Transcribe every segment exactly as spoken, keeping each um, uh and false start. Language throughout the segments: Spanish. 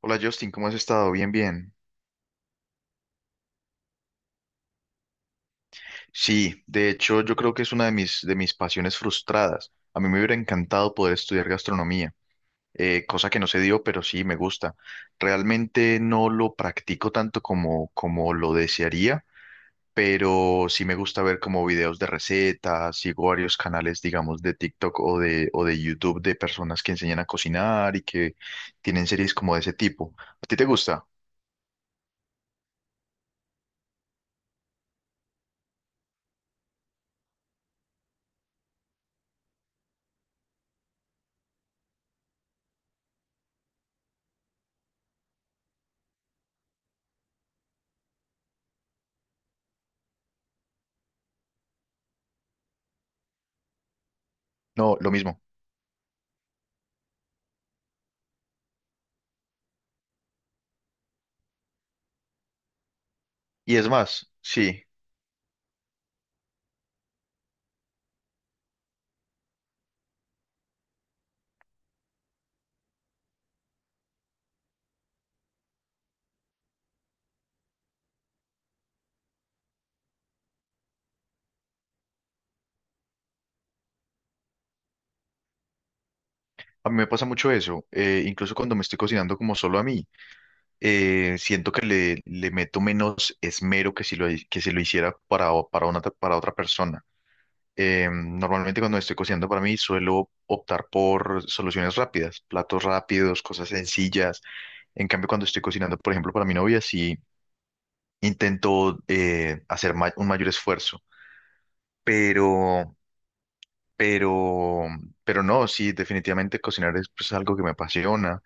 Hola Justin, ¿cómo has estado? Bien, bien. Sí, de hecho yo creo que es una de mis, de mis pasiones frustradas. A mí me hubiera encantado poder estudiar gastronomía, eh, cosa que no se dio, pero sí me gusta. Realmente no lo practico tanto como, como lo desearía, pero sí me gusta ver como videos de recetas, sigo varios canales, digamos, de TikTok o de, o de YouTube de personas que enseñan a cocinar y que tienen series como de ese tipo. ¿A ti te gusta? No, lo mismo. Y es más, sí. A mí me pasa mucho eso, eh, incluso cuando me estoy cocinando como solo a mí, eh, siento que le, le meto menos esmero que si lo, que si lo hiciera para, o- para, una, para otra persona. Eh, normalmente cuando estoy cocinando para mí suelo optar por soluciones rápidas, platos rápidos, cosas sencillas. En cambio, cuando estoy cocinando, por ejemplo, para mi novia, sí intento eh, hacer ma- un mayor esfuerzo, pero, pero, pero no, sí, definitivamente cocinar es, pues, algo que me apasiona.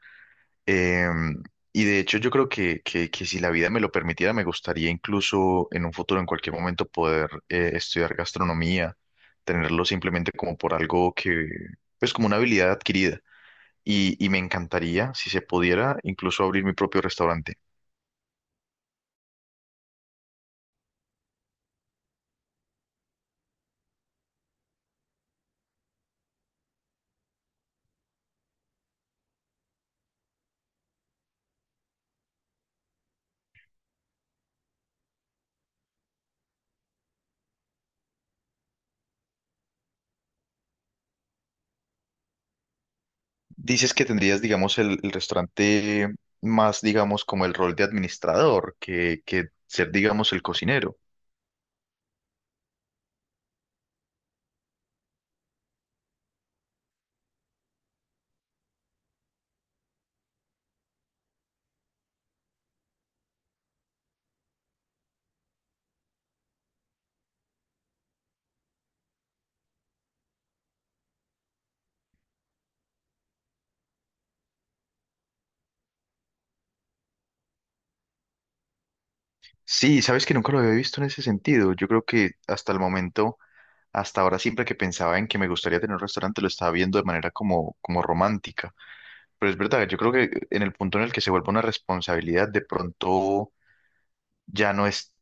Em, y de hecho yo creo que, que, que si la vida me lo permitiera, me gustaría incluso en un futuro, en cualquier momento, poder eh, estudiar gastronomía, tenerlo simplemente como por algo que, pues, como una habilidad adquirida. Y, y me encantaría, si se pudiera, incluso abrir mi propio restaurante. Dices que tendrías, digamos, el, el restaurante más, digamos, como el rol de administrador, que, que ser, digamos, el cocinero. Sí, sabes que nunca lo había visto en ese sentido. Yo creo que hasta el momento... Hasta ahora siempre que pensaba en que me gustaría tener un restaurante lo estaba viendo de manera como, como romántica. Pero es verdad, yo creo que en el punto en el que se vuelve una responsabilidad, de pronto ya no es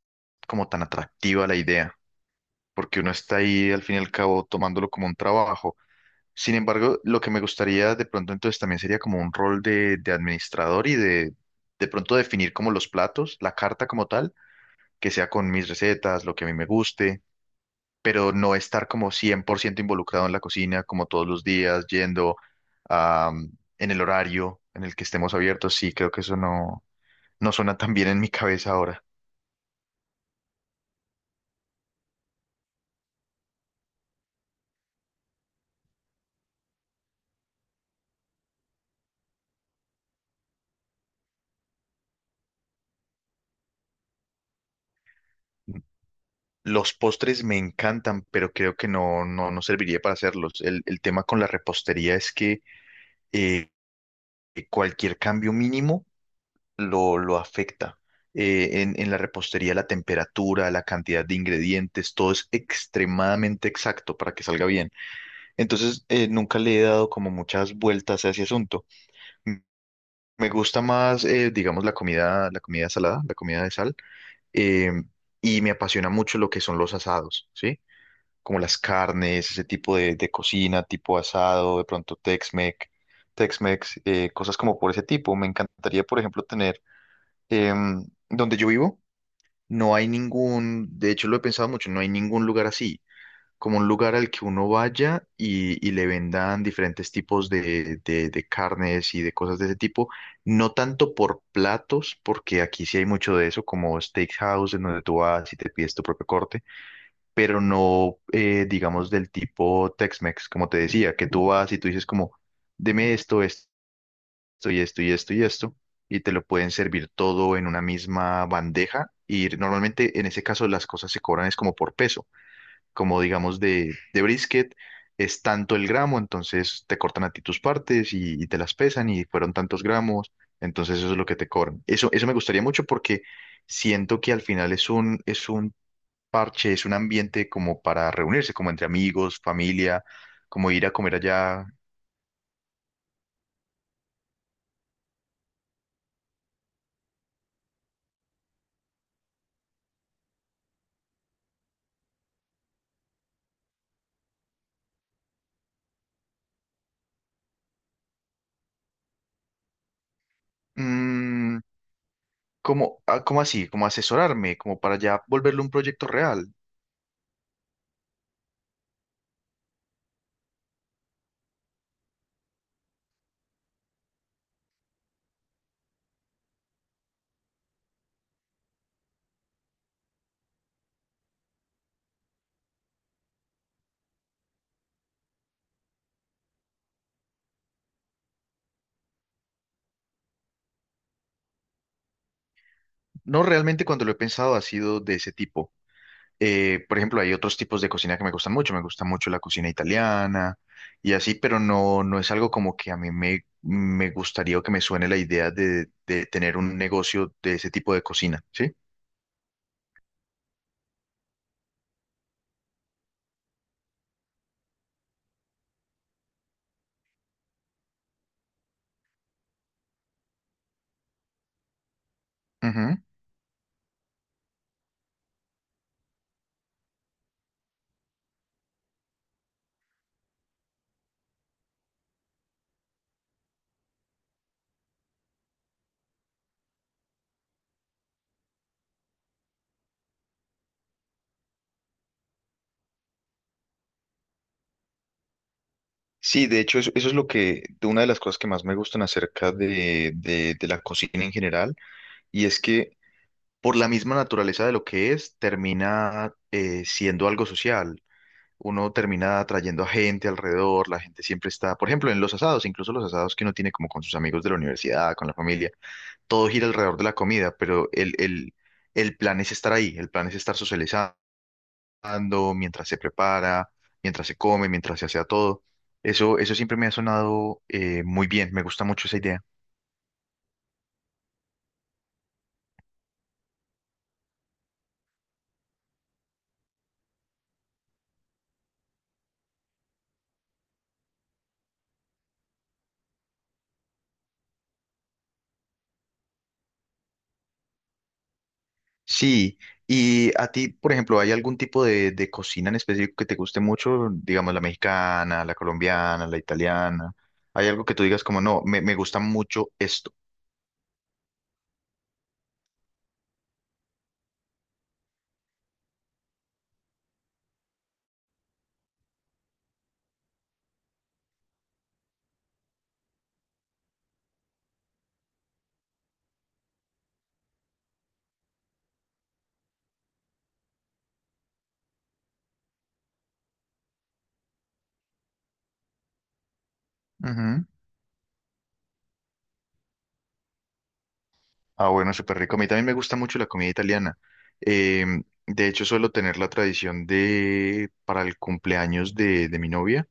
como tan atractiva la idea, porque uno está ahí al fin y al cabo tomándolo como un trabajo. Sin embargo, lo que me gustaría de pronto entonces también sería como un rol de, de administrador y de de pronto definir como los platos, la carta como tal, que sea con mis recetas, lo que a mí me guste, pero no estar como cien por ciento involucrado en la cocina, como todos los días, yendo am, en el horario en el que estemos abiertos, sí, creo que eso no, no suena tan bien en mi cabeza ahora. Los postres me encantan, pero creo que no, no, no serviría para hacerlos. El, el tema con la repostería es que eh, cualquier cambio mínimo lo, lo afecta. Eh, en, en la repostería la temperatura, la cantidad de ingredientes, todo es extremadamente exacto para que salga bien. Entonces, eh, nunca le he dado como muchas vueltas a ese asunto. M- Me gusta más, eh, digamos, la comida, la comida salada, la comida de sal, eh, y me apasiona mucho lo que son los asados, ¿sí? Como las carnes, ese tipo de, de cocina, tipo asado, de pronto Tex-Mex, Tex-Mex, eh, cosas como por ese tipo. Me encantaría, por ejemplo, tener, em, donde yo vivo, no hay ningún, de hecho lo he pensado mucho, no hay ningún lugar así como un lugar al que uno vaya y, y le vendan diferentes tipos de, de- de carnes y de cosas de ese tipo, no tanto por platos, porque aquí sí hay mucho de eso, como steakhouse, en donde tú vas y te pides tu propio corte, pero no, eh, digamos, del tipo Tex-Mex, como te decía, que tú vas y tú dices como, deme esto, esto y esto y esto y esto, y te lo pueden servir todo en una misma bandeja, y normalmente en ese caso las cosas se cobran es como por peso, como digamos de, de brisket, es tanto el gramo, entonces te cortan a ti tus partes y, y te las pesan y fueron tantos gramos, entonces eso es lo que te cobran. Eso, eso me gustaría mucho porque siento que al final es un, es un parche, es un ambiente como para reunirse, como entre amigos, familia, como ir a comer allá. Mm, como, ah, cómo así, como asesorarme, como para ya volverlo un proyecto real. No, realmente cuando lo he pensado ha sido de ese tipo. Eh, por ejemplo, hay otros tipos de cocina que me gustan mucho. Me gusta mucho la cocina italiana y así, pero no, no es algo como que a mí me, me gustaría o que me suene la idea de, de tener un negocio de ese tipo de cocina, ¿sí? Ujú. Sí, de hecho, eso, eso es lo que, de una de las cosas que más me gustan acerca de, de, de la cocina en general, y es que por la misma naturaleza de lo que es, termina eh, siendo algo social. Uno termina atrayendo a gente alrededor, la gente siempre está, por ejemplo, en los asados, incluso los asados que uno tiene como con sus amigos de la universidad, con la familia, todo gira alrededor de la comida, pero el, el, el plan es estar ahí, el plan es estar socializando mientras se prepara, mientras se come, mientras se hace a todo. Eso, eso siempre me ha sonado eh, muy bien, me gusta mucho esa idea. Sí, y a ti, por ejemplo, ¿hay algún tipo de, de cocina en específico que te guste mucho? Digamos, la mexicana, la colombiana, la italiana. ¿Hay algo que tú digas como, no, me, me gusta mucho esto? Ujú. Ah, bueno, súper rico. A mí también me gusta mucho la comida italiana. Eh, de hecho, suelo tener la tradición de, para el cumpleaños de, de mi novia,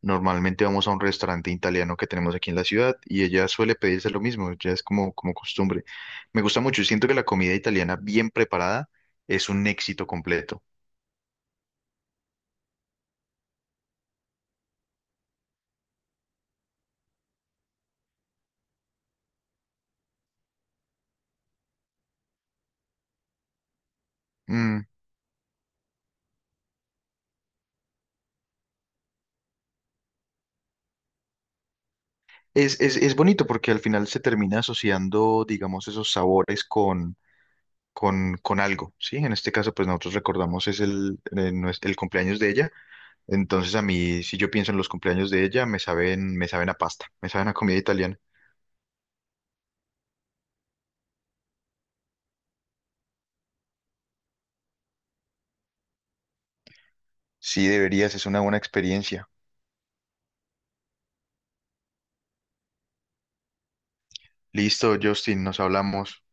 normalmente vamos a un restaurante italiano que tenemos aquí en la ciudad y ella suele pedirse lo mismo, ya es como, como costumbre. Me gusta mucho, siento que la comida italiana bien preparada es un éxito completo. Mm. Es, es, es bonito porque al final se termina asociando, digamos, esos sabores con, con, con algo, ¿sí? En este caso, pues nosotros recordamos es el, eh, nues- el cumpleaños de ella, entonces a mí, si yo pienso en los cumpleaños de ella, me saben, me saben a pasta, me saben a comida italiana. Sí, deberías, es una buena experiencia. Listo, Justin, nos hablamos.